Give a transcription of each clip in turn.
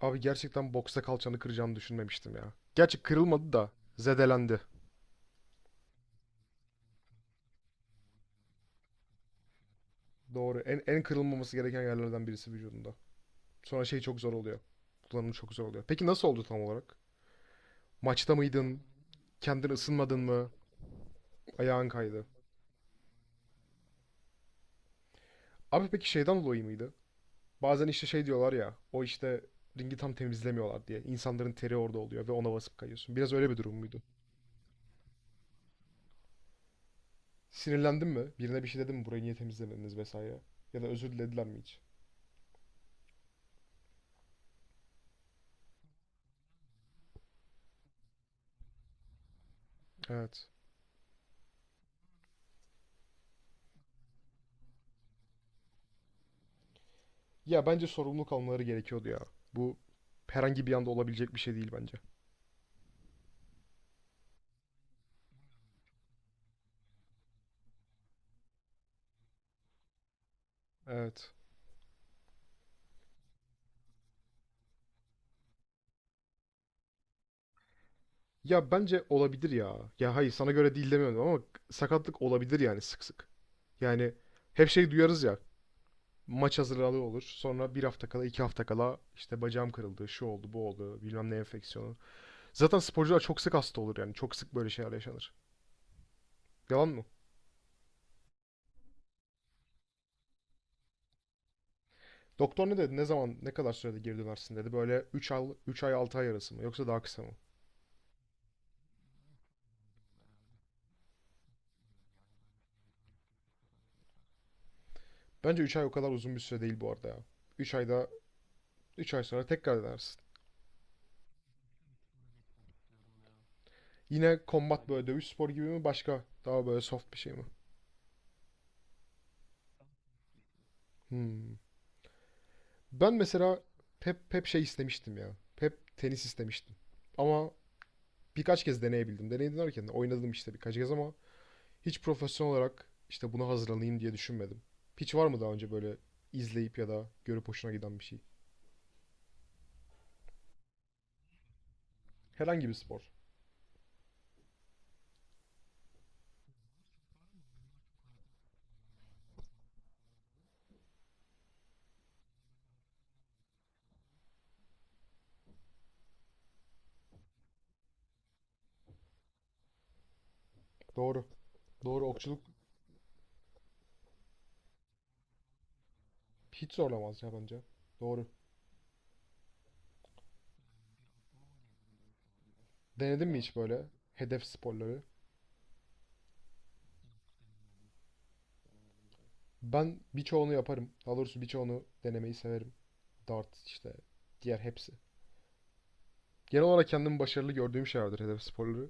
Abi gerçekten boksta kalçanı kıracağımı düşünmemiştim ya. Gerçi kırılmadı da zedelendi. Doğru. En kırılmaması gereken yerlerden birisi vücudunda. Sonra şey çok zor oluyor. Kullanımı çok zor oluyor. Peki nasıl oldu tam olarak? Maçta mıydın? Kendin ısınmadın mı? Ayağın kaydı. Abi peki şeyden dolayı mıydı? Bazen işte şey diyorlar ya. O işte ringi tam temizlemiyorlar diye. İnsanların teri orada oluyor ve ona basıp kayıyorsun. Biraz öyle bir durum muydu? Sinirlendin mi? Birine bir şey dedin mi? Burayı niye temizlemediniz vesaire? Ya da özür dilediler mi hiç? Evet. Ya bence sorumluluk almaları gerekiyordu ya. Bu herhangi bir anda olabilecek bir şey değil bence. Evet. Ya bence olabilir ya. Ya hayır sana göre değil demiyorum ama sakatlık olabilir yani sık sık. Yani hep şey duyarız ya. Maç hazırlığı olur. Sonra bir hafta kala, iki hafta kala işte bacağım kırıldı, şu oldu, bu oldu, bilmem ne enfeksiyonu. Zaten sporcular çok sık hasta olur yani. Çok sık böyle şeyler yaşanır. Yalan mı? Doktor ne dedi? Ne zaman, ne kadar sürede geri dönersin dedi. Böyle 3 ay, 3 ay 6 ay arası mı? Yoksa daha kısa mı? Bence 3 ay o kadar uzun bir süre değil bu arada ya. Üç ayda 3 ay sonra tekrar denersin. Yine combat böyle dövüş sporu gibi mi, başka daha böyle soft bir şey mi? Hmm. Ben mesela hep şey istemiştim ya. Hep tenis istemiştim. Ama birkaç kez deneyebildim. Deneyim derken de oynadım işte birkaç kez ama hiç profesyonel olarak işte buna hazırlanayım diye düşünmedim. Hiç var mı daha önce böyle izleyip ya da görüp hoşuna giden bir şey? Herhangi bir spor. Doğru. Doğru. Okçuluk hiç zorlamaz ya bence. Doğru. Denedin mi hiç böyle hedef sporları? Ben birçoğunu yaparım. Daha doğrusu birçoğunu denemeyi severim. Dart işte diğer hepsi. Genel olarak kendimi başarılı gördüğüm şeylerdir hedef sporları.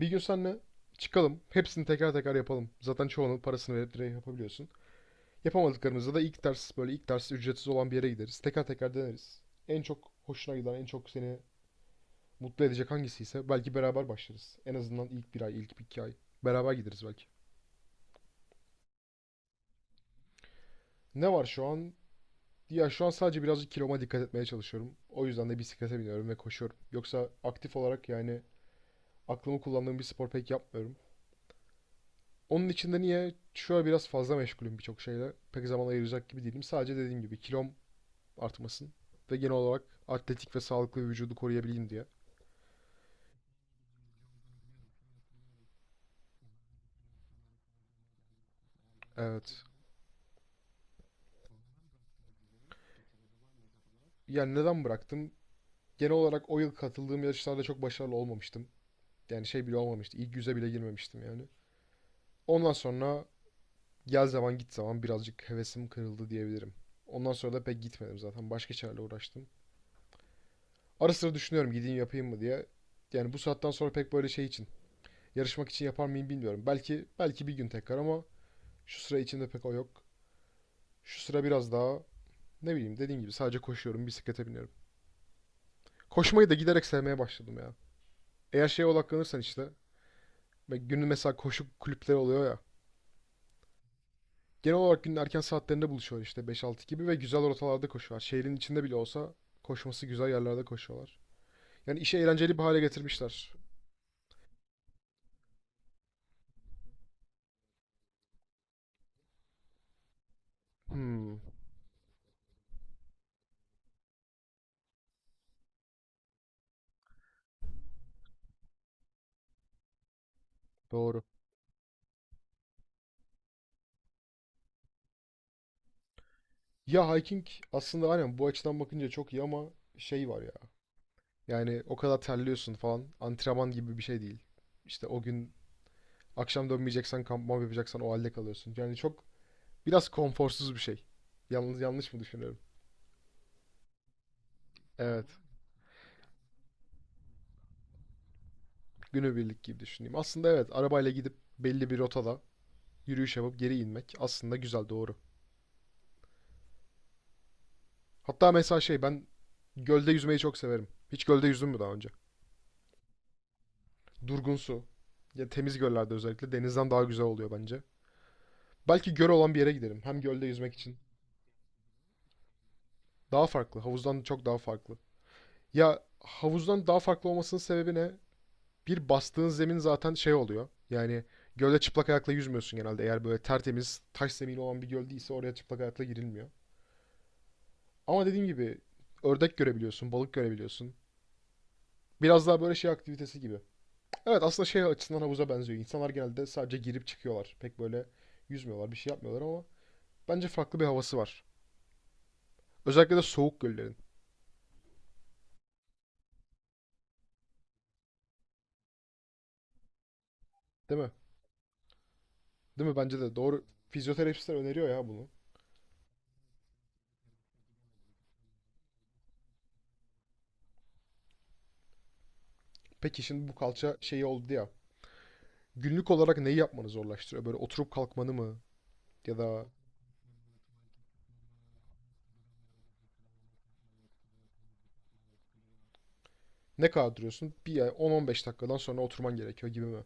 Bir gün seninle çıkalım. Hepsini teker teker yapalım. Zaten çoğunun parasını verip direkt yapabiliyorsun. Yapamadıklarımızda da ilk ders, böyle ilk ders ücretsiz olan bir yere gideriz. Teker teker deneriz. En çok hoşuna giden, en çok seni mutlu edecek hangisiyse belki beraber başlarız. En azından ilk bir ay, ilk iki ay. Beraber gideriz belki. Ne var şu an? Ya şu an sadece birazcık kiloma dikkat etmeye çalışıyorum. O yüzden de bisiklete biniyorum ve koşuyorum. Yoksa aktif olarak yani aklımı kullandığım bir spor pek yapmıyorum. Onun için de niye şu an biraz fazla meşgulüm birçok şeyle. Pek zaman ayıracak gibi değilim. Sadece dediğim gibi kilom artmasın ve genel olarak atletik ve sağlıklı bir vücudu koruyabileyim diye. Evet. Yani neden bıraktım? Genel olarak o yıl katıldığım yarışlarda çok başarılı olmamıştım. Yani şey bile olmamıştı. İlk yüze bile girmemiştim yani. Ondan sonra gel zaman git zaman birazcık hevesim kırıldı diyebilirim. Ondan sonra da pek gitmedim zaten. Başka şeylerle uğraştım. Ara sıra düşünüyorum gideyim yapayım mı diye. Yani bu saatten sonra pek böyle şey için, yarışmak için yapar mıyım bilmiyorum. Belki belki bir gün tekrar ama şu sıra içinde pek o yok. Şu sıra biraz daha ne bileyim, dediğim gibi sadece koşuyorum, bisiklete biniyorum. Koşmayı da giderek sevmeye başladım ya. Eğer şeye odaklanırsan işte ve günün mesela koşu kulüpleri oluyor ya. Genel olarak günün erken saatlerinde buluşuyor işte beş altı gibi ve güzel rotalarda koşuyorlar. Şehrin içinde bile olsa koşması güzel yerlerde koşuyorlar. Yani işi eğlenceli bir hale getirmişler. Hmm, doğru. Ya hiking aslında aynen bu açıdan bakınca çok iyi ama şey var ya. Yani o kadar terliyorsun falan. Antrenman gibi bir şey değil. İşte o gün akşam dönmeyeceksen kampman yapacaksan o halde kalıyorsun. Yani çok biraz konforsuz bir şey. Yalnız yanlış mı düşünüyorum? Evet. Günübirlik gibi düşüneyim. Aslında evet, arabayla gidip belli bir rotada yürüyüş yapıp geri inmek aslında güzel, doğru. Hatta mesela şey, ben gölde yüzmeyi çok severim. Hiç gölde yüzdün mü daha önce? Durgun su. Ya temiz göllerde özellikle denizden daha güzel oluyor bence. Belki göl olan bir yere giderim. Hem gölde yüzmek için. Daha farklı. Havuzdan çok daha farklı. Ya havuzdan daha farklı olmasının sebebi ne? Bir, bastığın zemin zaten şey oluyor. Yani gölde çıplak ayakla yüzmüyorsun genelde. Eğer böyle tertemiz taş zemini olan bir göl değilse oraya çıplak ayakla girilmiyor. Ama dediğim gibi ördek görebiliyorsun, balık görebiliyorsun. Biraz daha böyle şey aktivitesi gibi. Evet, aslında şey açısından havuza benziyor. İnsanlar genelde sadece girip çıkıyorlar. Pek böyle yüzmüyorlar, bir şey yapmıyorlar ama bence farklı bir havası var. Özellikle de soğuk göllerin. Değil mi? Değil mi? Bence de doğru. Fizyoterapistler öneriyor ya bunu. Peki şimdi bu kalça şeyi oldu ya. Günlük olarak neyi yapmanı zorlaştırıyor? Böyle oturup kalkmanı mı? Ya da ne kadar duruyorsun? Bir ay 10-15 dakikadan sonra oturman gerekiyor gibi mi?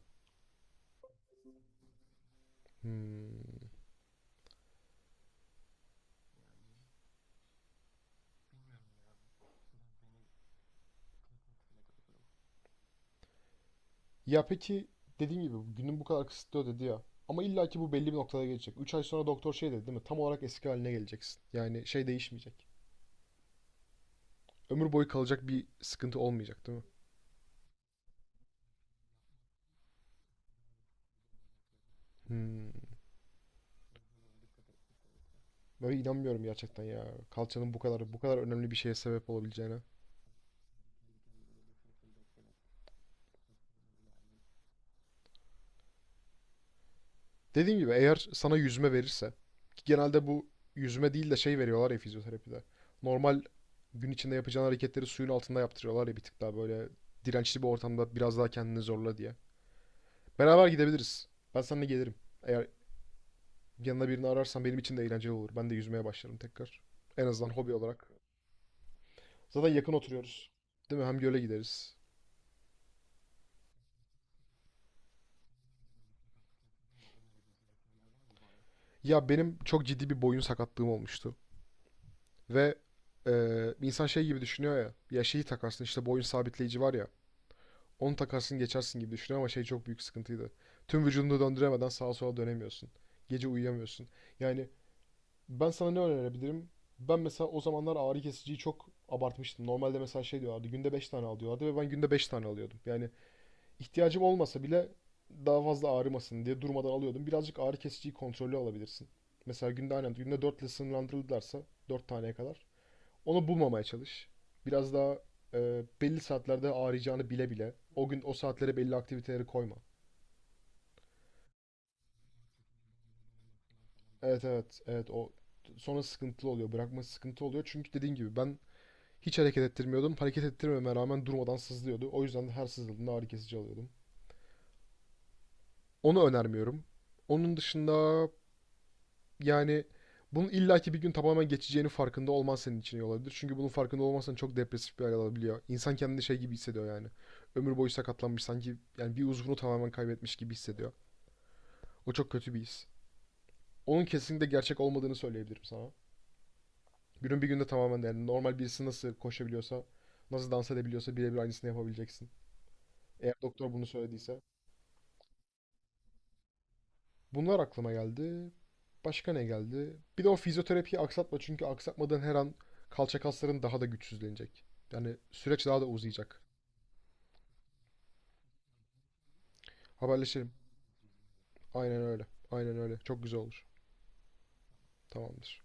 Hmm. Ya peki dediğim gibi günün bu kadar kısıtlı dedi ya. Ama illa ki bu belli bir noktada gelecek. 3 ay sonra doktor şey dedi değil mi? Tam olarak eski haline geleceksin. Yani şey değişmeyecek. Ömür boyu kalacak bir sıkıntı olmayacak değil mi? Hmm. Böyle inanmıyorum gerçekten ya. Kalçanın bu kadar önemli bir şeye sebep olabileceğine. Dediğim gibi eğer sana yüzme verirse, ki genelde bu yüzme değil de şey veriyorlar ya fizyoterapide. Normal gün içinde yapacağın hareketleri suyun altında yaptırıyorlar ya, bir tık daha böyle dirençli bir ortamda biraz daha kendini zorla diye. Beraber gidebiliriz. Ben seninle gelirim. Eğer yanına birini ararsan benim için de eğlenceli olur. Ben de yüzmeye başlarım tekrar. En azından hobi olarak. Zaten yakın oturuyoruz. Değil mi? Hem göle gideriz. Ya benim çok ciddi bir boyun sakatlığım olmuştu. Ve insan şey gibi düşünüyor ya. Ya şeyi takarsın, işte boyun sabitleyici var ya. Onu takarsın geçersin gibi düşünüyor ama şey çok büyük sıkıntıydı. Tüm vücudunu döndüremeden sağa sola dönemiyorsun. Gece uyuyamıyorsun. Yani ben sana ne önerebilirim? Ben mesela o zamanlar ağrı kesiciyi çok abartmıştım. Normalde mesela şey diyorlardı, günde 5 tane al diyorlardı ve ben günde 5 tane alıyordum. Yani ihtiyacım olmasa bile daha fazla ağrımasın diye durmadan alıyordum. Birazcık ağrı kesiciyi kontrollü alabilirsin. Mesela günde, aynen günde 4 ile sınırlandırılırlarsa 4 taneye kadar. Onu bulmamaya çalış. Biraz daha belli saatlerde ağrıyacağını bile bile o gün o saatlere belli aktiviteleri koyma. Evet, evet, evet, o sonra sıkıntılı oluyor. Bırakması sıkıntı oluyor. Çünkü dediğin gibi ben hiç hareket ettirmiyordum. Hareket ettirmeme rağmen durmadan sızlıyordu. O yüzden de her sızıldığında ağrı kesici alıyordum. Onu önermiyorum. Onun dışında yani bunun illaki bir gün tamamen geçeceğini farkında olman senin için iyi olabilir. Çünkü bunun farkında olmazsan çok depresif bir hal alabiliyor. İnsan kendini şey gibi hissediyor yani. Ömür boyu sakatlanmış, sanki yani bir uzvunu tamamen kaybetmiş gibi hissediyor. O çok kötü bir his. Onun kesinlikle gerçek olmadığını söyleyebilirim sana. Günün bir günde tamamen, yani normal birisi nasıl koşabiliyorsa, nasıl dans edebiliyorsa birebir aynısını yapabileceksin. Eğer doktor bunu söylediyse. Bunlar aklıma geldi. Başka ne geldi? Bir de o fizyoterapiyi aksatma çünkü aksatmadan her an kalça kasların daha da güçsüzlenecek. Yani süreç daha da uzayacak. Haberleşelim. Aynen öyle. Aynen öyle. Çok güzel olur. Tamamdır.